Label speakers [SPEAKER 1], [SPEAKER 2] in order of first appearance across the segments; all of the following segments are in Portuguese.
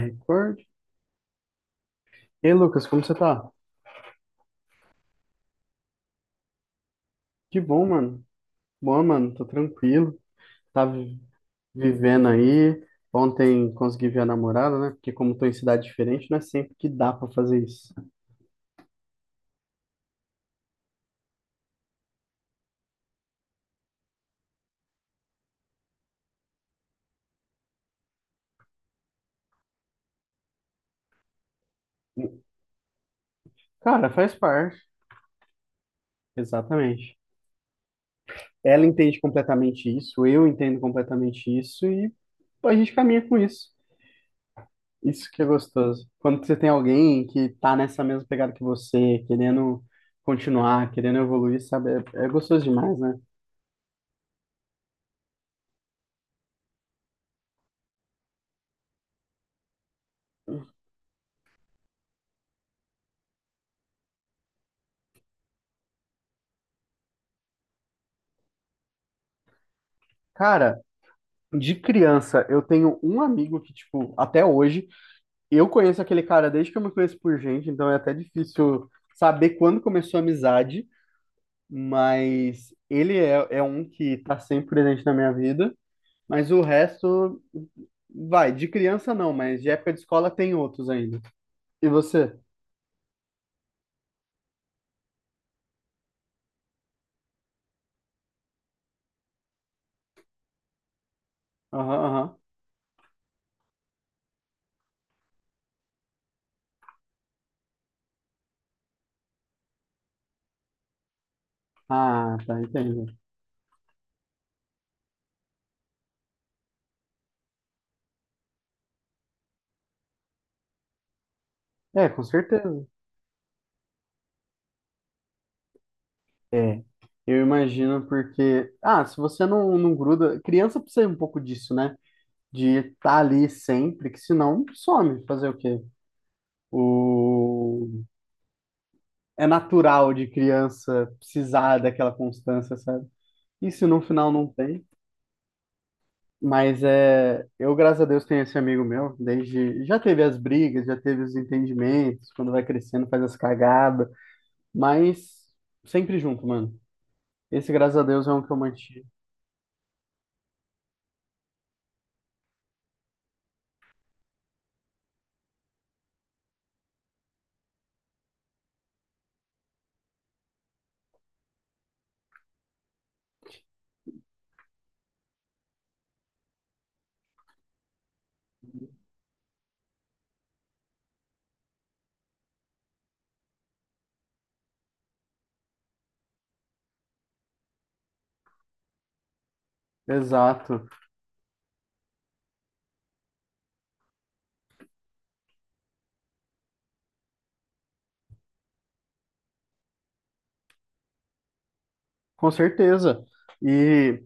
[SPEAKER 1] Concordo. E Lucas, como você tá? Que bom, mano. Boa, mano, tô tranquilo. Tá vi- Vivendo aí. Ontem consegui ver a namorada, né? Porque como tô em cidade diferente, não é sempre que dá pra fazer isso. Cara, faz parte. Exatamente. Ela entende completamente isso, eu entendo completamente isso e a gente caminha com isso. Isso que é gostoso. Quando você tem alguém que tá nessa mesma pegada que você, querendo continuar, querendo evoluir, sabe? É gostoso demais, né? Cara, de criança, eu tenho um amigo que, tipo, até hoje, eu conheço aquele cara desde que eu me conheço por gente, então é até difícil saber quando começou a amizade, mas ele é um que tá sempre presente na minha vida, mas o resto, vai, de criança não, mas de época de escola tem outros ainda. E você? Aham, aham. Ah, tá, entendo. É, com certeza. É. Eu imagino porque, ah, se você não gruda, criança precisa um pouco disso, né? De estar ali sempre, que senão some. Fazer o quê? O... É natural de criança precisar daquela constância, sabe? E se no final não tem? Mas é, eu, graças a Deus, tenho esse amigo meu, desde, já teve as brigas, já teve os entendimentos, quando vai crescendo faz as cagadas, mas sempre junto, mano. Esse, graças a Deus, é um que eu mantive. Exato, com certeza. E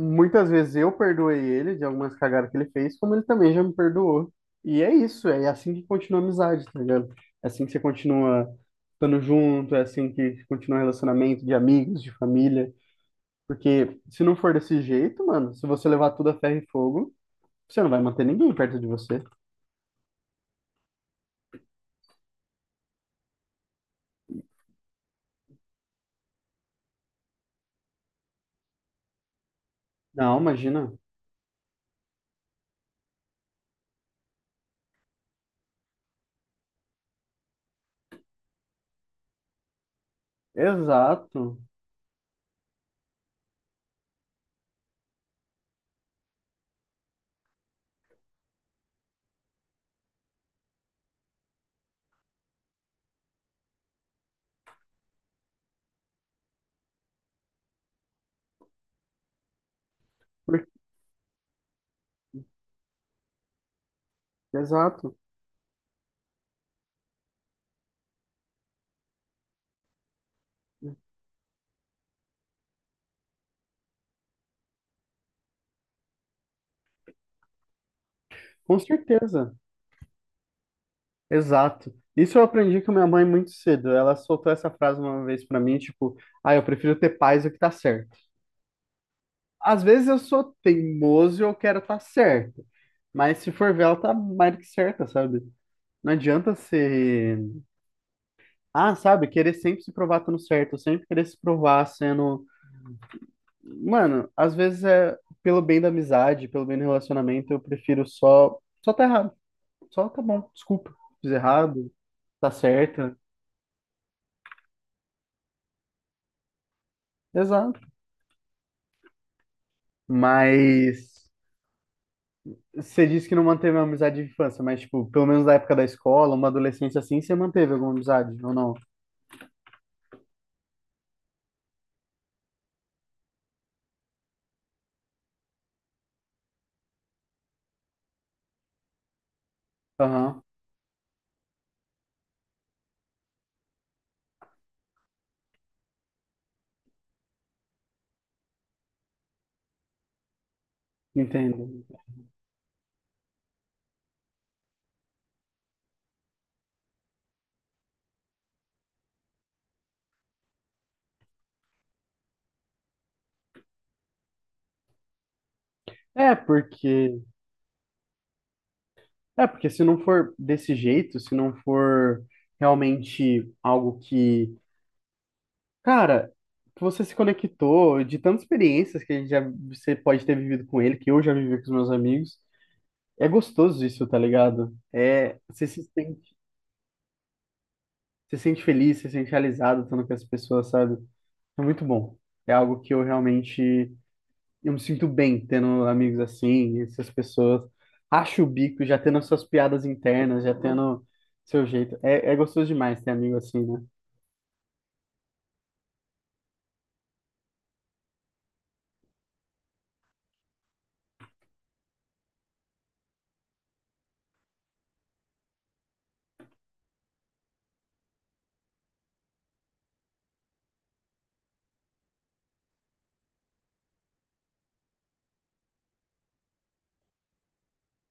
[SPEAKER 1] muitas vezes eu perdoei ele de algumas cagadas que ele fez, como ele também já me perdoou. E é isso, é assim que continua a amizade, tá ligado? É assim que você continua estando junto, é assim que continua o relacionamento de amigos, de família. Porque se não for desse jeito, mano, se você levar tudo a ferro e fogo, você não vai manter ninguém perto de você. Não, imagina. Exato. Por- Exato. Com certeza. Exato. Isso eu aprendi com minha mãe muito cedo. Ela soltou essa frase uma vez pra mim, tipo, ah, eu prefiro ter paz do que tá certo. Às vezes eu sou teimoso e eu quero estar certo, mas se for ver, ela tá mais do que certa, sabe? Não adianta ser, ah, sabe, querer sempre se provar estando certo, sempre querer se provar sendo, mano, às vezes é pelo bem da amizade, pelo bem do relacionamento, eu prefiro só tá errado. Só tá bom, desculpa. Fiz errado, tá certa. Exato. Mas você disse que não manteve uma amizade de infância, mas, tipo, pelo menos da época da escola, uma adolescência assim, você manteve alguma amizade, ou não? Aham, entendo. É, porque, é, porque se não for desse jeito, se não for realmente algo que, cara, que você se conectou de tantas experiências que a gente já, você pode ter vivido com ele, que eu já vivi com os meus amigos, é gostoso isso, tá ligado? É, você se sente feliz, você se sente realizado estando com as pessoas, sabe? É muito bom. É algo que eu realmente eu me sinto bem tendo amigos assim, essas pessoas. Acho o bico, já tendo as suas piadas internas, já tendo seu jeito. É gostoso demais ter amigo assim, né?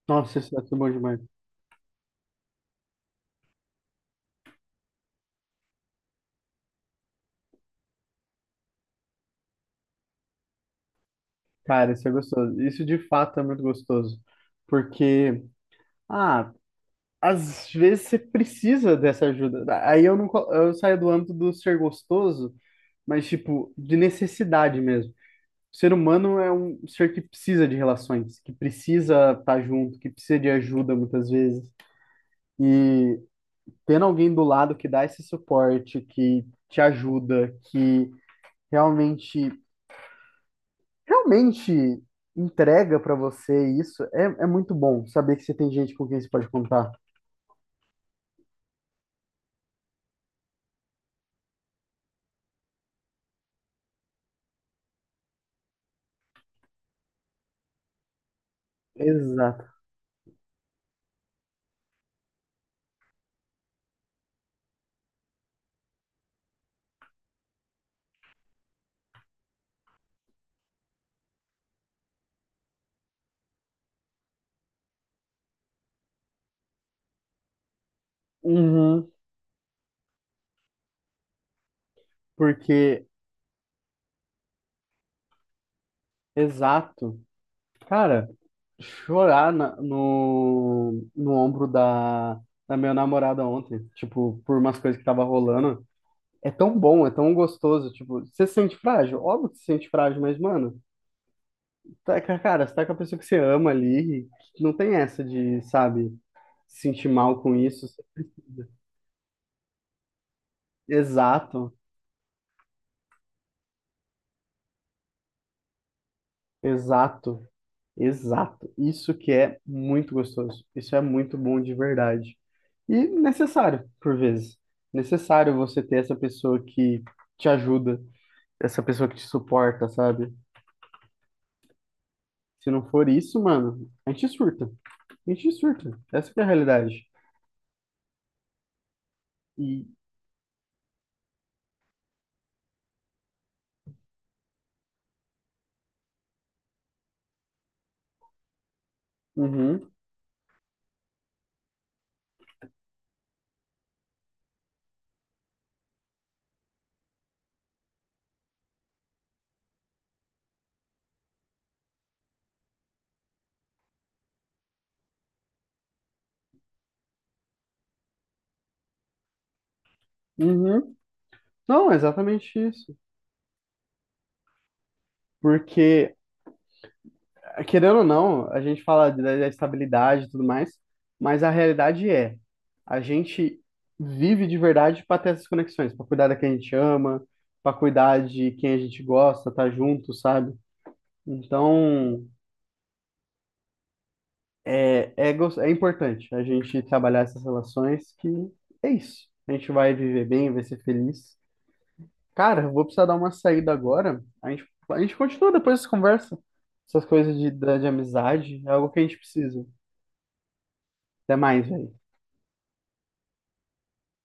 [SPEAKER 1] Nossa, isso é tudo bom demais. Cara, isso é gostoso. Isso de fato é muito gostoso. Porque, ah, às vezes você precisa dessa ajuda. Aí eu não, eu saio do âmbito do ser gostoso, mas tipo, de necessidade mesmo. O ser humano é um ser que precisa de relações, que precisa estar junto, que precisa de ajuda muitas vezes. E tendo alguém do lado que dá esse suporte, que te ajuda, que realmente, realmente entrega para você isso, é muito bom saber que você tem gente com quem você pode contar. Exato. Uhum, porque, exato. Cara, chorar no ombro da, da minha namorada ontem, tipo, por umas coisas que tava rolando. É tão bom, é tão gostoso, tipo, você se sente frágil? Óbvio que se sente frágil, mas, mano, tá, cara, você tá com a pessoa que você ama ali, não tem essa de, sabe, se sentir mal com isso. Exato, exato. Exato. Isso que é muito gostoso. Isso é muito bom de verdade. E necessário, por vezes. Necessário você ter essa pessoa que te ajuda, essa pessoa que te suporta, sabe? Se não for isso, mano, a gente surta. A gente surta. Essa que é a realidade. E, uhum, uhum. Não, é exatamente isso. Porque querendo ou não, a gente fala da estabilidade e tudo mais, mas a realidade é, a gente vive de verdade para ter essas conexões, para cuidar da quem a gente ama, para cuidar de quem a gente gosta, tá junto, sabe? Então, é importante a gente trabalhar essas relações que é isso. A gente vai viver bem, vai ser feliz. Cara, eu vou precisar dar uma saída agora. A gente continua depois dessa conversa. Essas coisas de, de amizade é algo que a gente precisa. Até mais, velho.